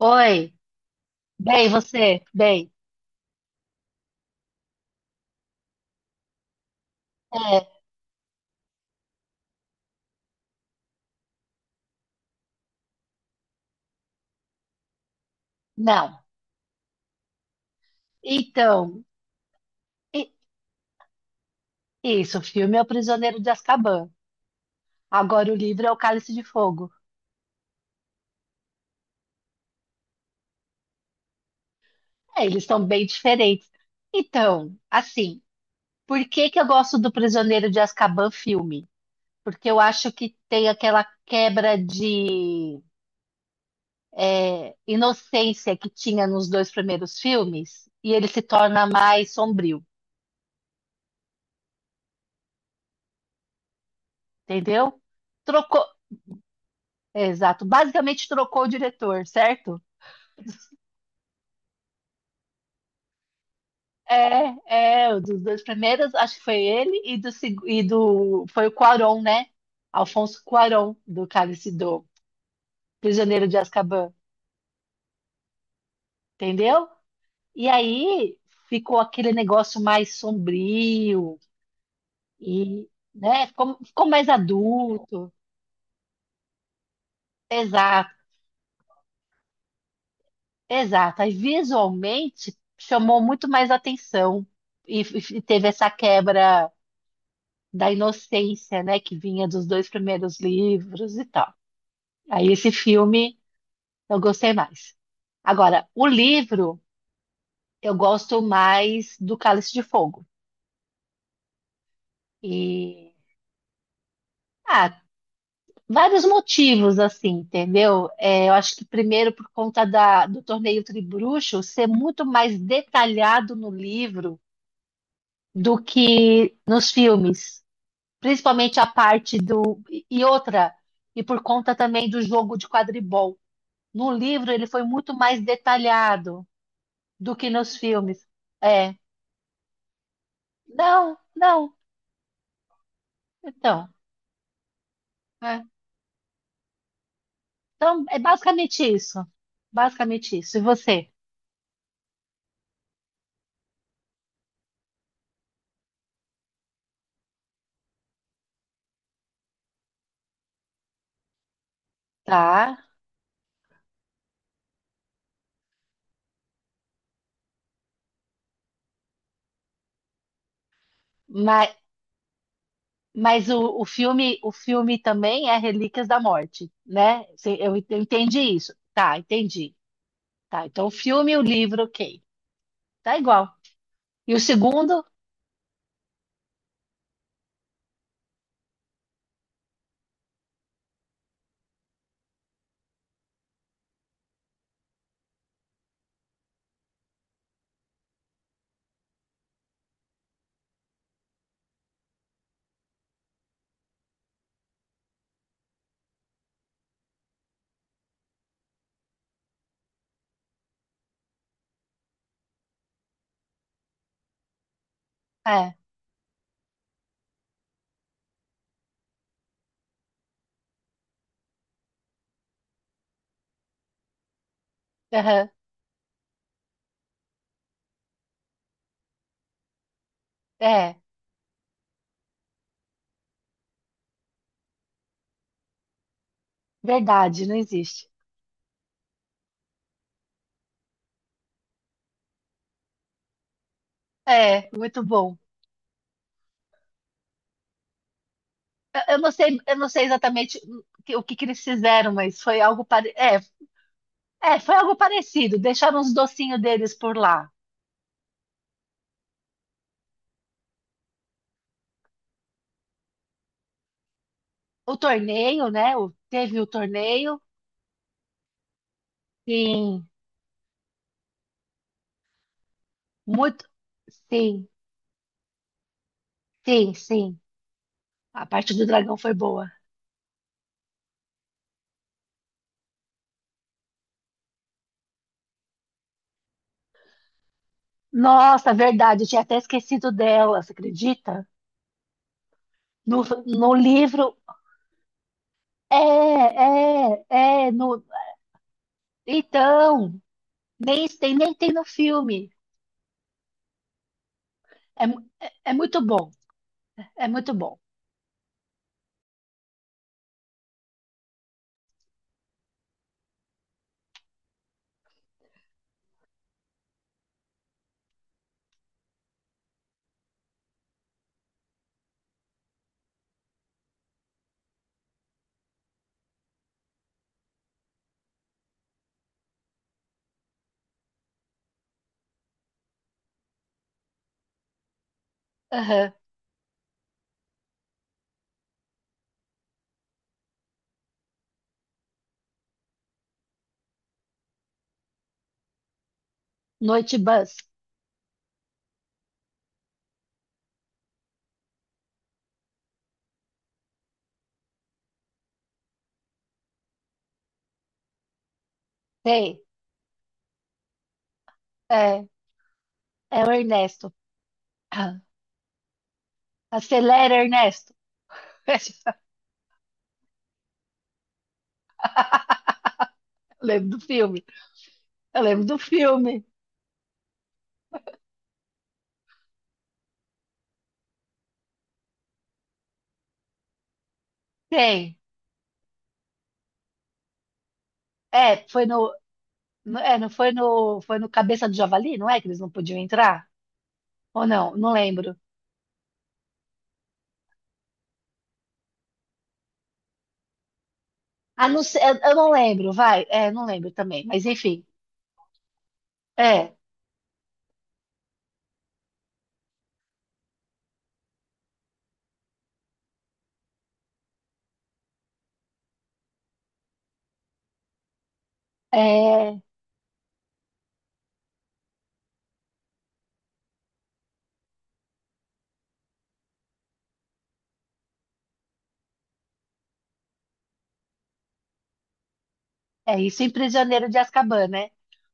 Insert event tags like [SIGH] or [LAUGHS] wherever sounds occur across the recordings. Oi, bem, você? Bem, é, não. Então, i- isso, o filme é O Prisioneiro de Azkaban. Agora o livro é O Cálice de Fogo. É, eles estão bem diferentes. Então, assim, por que que eu gosto do Prisioneiro de Azkaban filme? Porque eu acho que tem aquela quebra de inocência que tinha nos dois primeiros filmes e ele se torna mais sombrio, entendeu? Trocou, exato, basicamente trocou o diretor, certo? O dos dois primeiros, acho que foi ele e do foi o Cuarón, né? Alfonso Cuarón, do Cálice do Prisioneiro de Azkaban, entendeu? E aí ficou aquele negócio mais sombrio e, né, ficou mais adulto. Exato, exato. Aí visualmente chamou muito mais atenção e teve essa quebra da inocência, né, que vinha dos dois primeiros livros e tal. Aí esse filme eu gostei mais. Agora, o livro, eu gosto mais do Cálice de Fogo. E, ah, vários motivos, assim, entendeu? É, eu acho que primeiro do Torneio Tribruxo ser muito mais detalhado no livro do que nos filmes. Principalmente a parte do... E outra, e por conta também do jogo de quadribol. No livro ele foi muito mais detalhado do que nos filmes. É, não, não. Então... É. Então, é basicamente isso. Basicamente isso. E você? Tá. Mas, mas o filme também é Relíquias da Morte, né? Eu entendi isso. Tá, entendi. Tá, então o filme e o livro, ok. Tá igual. E o segundo? É. Aham, é. Verdade, não existe. É, muito bom. Eu não sei exatamente o que que eles fizeram, mas foi algo pare... é, é, foi algo parecido. Deixaram os docinhos deles por lá. O torneio, né? O, teve o torneio. Sim, muito. Sim, sim, sim. A parte do dragão foi boa. Nossa, verdade, eu tinha até esquecido dela, você acredita? No, no livro. É, é, é. No, então, nem tem no filme. É, é muito bom, é muito bom. Aham. Noite Bus. Sei, é, é o Ernesto. Ah, acelera, Ernesto. [LAUGHS] Lembro do filme. Eu lembro do filme. Tem. É, foi no. no- é, não foi no. Foi no Cabeça do Javali, não é? Que eles não podiam entrar? Ou não? Não lembro. Ah, não sei, eu não lembro, vai. É, não lembro também. Mas enfim. É. É, é isso em Prisioneiro de Azkaban, né?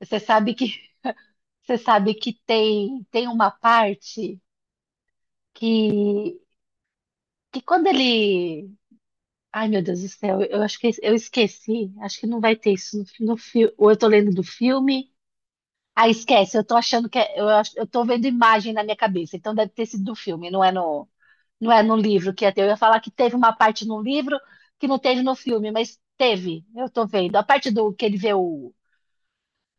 Você sabe que, [LAUGHS] você sabe que tem, tem uma parte que, que quando ele. Ai, meu Deus do céu, eu acho que eu esqueci. Acho que não vai ter isso no filme. Ou eu tô lendo do filme. Ah, esquece, eu tô achando que eu tô vendo imagem na minha cabeça, então deve ter sido do filme, não é no, não é no livro que ia ter. Eu ia falar que teve uma parte no livro que não teve no filme, mas teve, eu tô vendo. A parte do que ele vê o,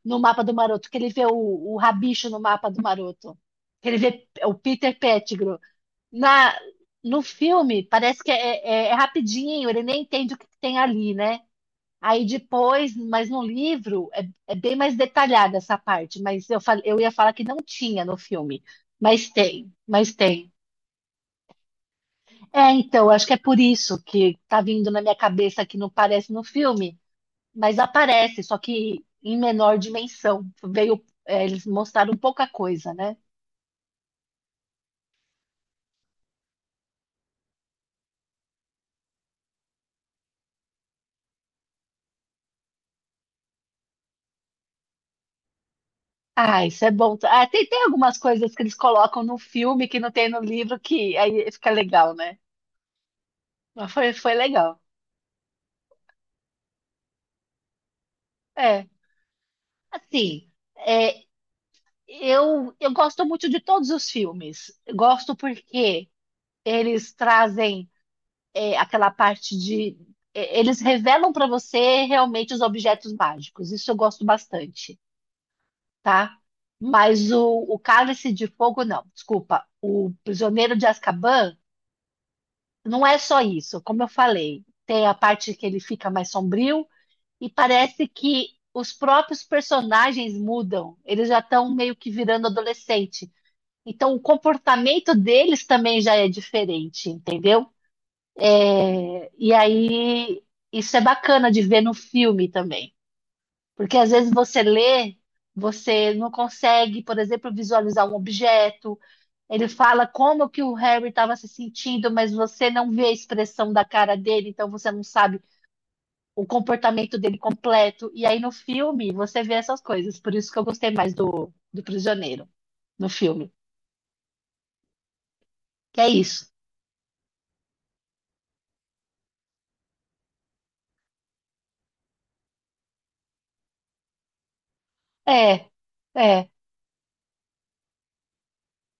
no mapa do Maroto, que ele vê o rabicho no mapa do Maroto, que ele vê o Peter Pettigrew. Na, no filme, parece que é, é rapidinho, ele nem entende o que tem ali, né? Aí depois, mas no livro é, é bem mais detalhada essa parte, mas eu ia falar que não tinha no filme, mas tem, mas tem. É, então, acho que é por isso que tá vindo na minha cabeça que não parece no filme, mas aparece, só que em menor dimensão. Veio, é, eles mostraram pouca coisa, né? Ah, isso é bom. Ah, tem, tem algumas coisas que eles colocam no filme que não tem no livro que aí fica legal, né? Mas foi, foi legal. É, assim. É, eu gosto muito de todos os filmes. Gosto porque eles trazem é, aquela parte de. É, eles revelam para você realmente os objetos mágicos. Isso eu gosto bastante, tá? Mas o Cálice de Fogo, não. Desculpa. O Prisioneiro de Azkaban não é só isso. Como eu falei, tem a parte que ele fica mais sombrio e parece que os próprios personagens mudam. Eles já estão meio que virando adolescente. Então, o comportamento deles também já é diferente, entendeu? E aí, isso é bacana de ver no filme também. Porque às vezes você lê, você não consegue, por exemplo, visualizar um objeto. Ele fala como que o Harry estava se sentindo, mas você não vê a expressão da cara dele, então você não sabe o comportamento dele completo. E aí no filme você vê essas coisas. Por isso que eu gostei mais do Prisioneiro, no filme. Que é isso. É, é.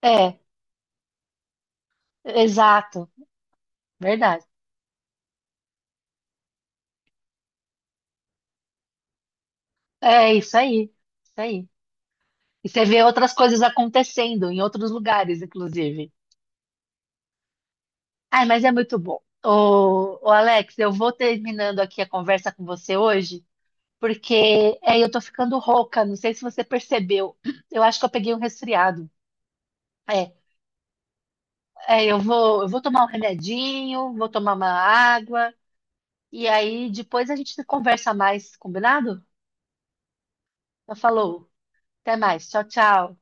É, exato, verdade. É isso aí, isso aí. E você vê outras coisas acontecendo em outros lugares, inclusive. Ai, mas é muito bom. Ô Alex, eu vou terminando aqui a conversa com você hoje, porque é, eu tô ficando rouca, não sei se você percebeu. Eu acho que eu peguei um resfriado. É, é, eu vou tomar um remedinho, vou tomar uma água, e aí depois a gente conversa mais, combinado? Já falou. Até mais. Tchau, tchau.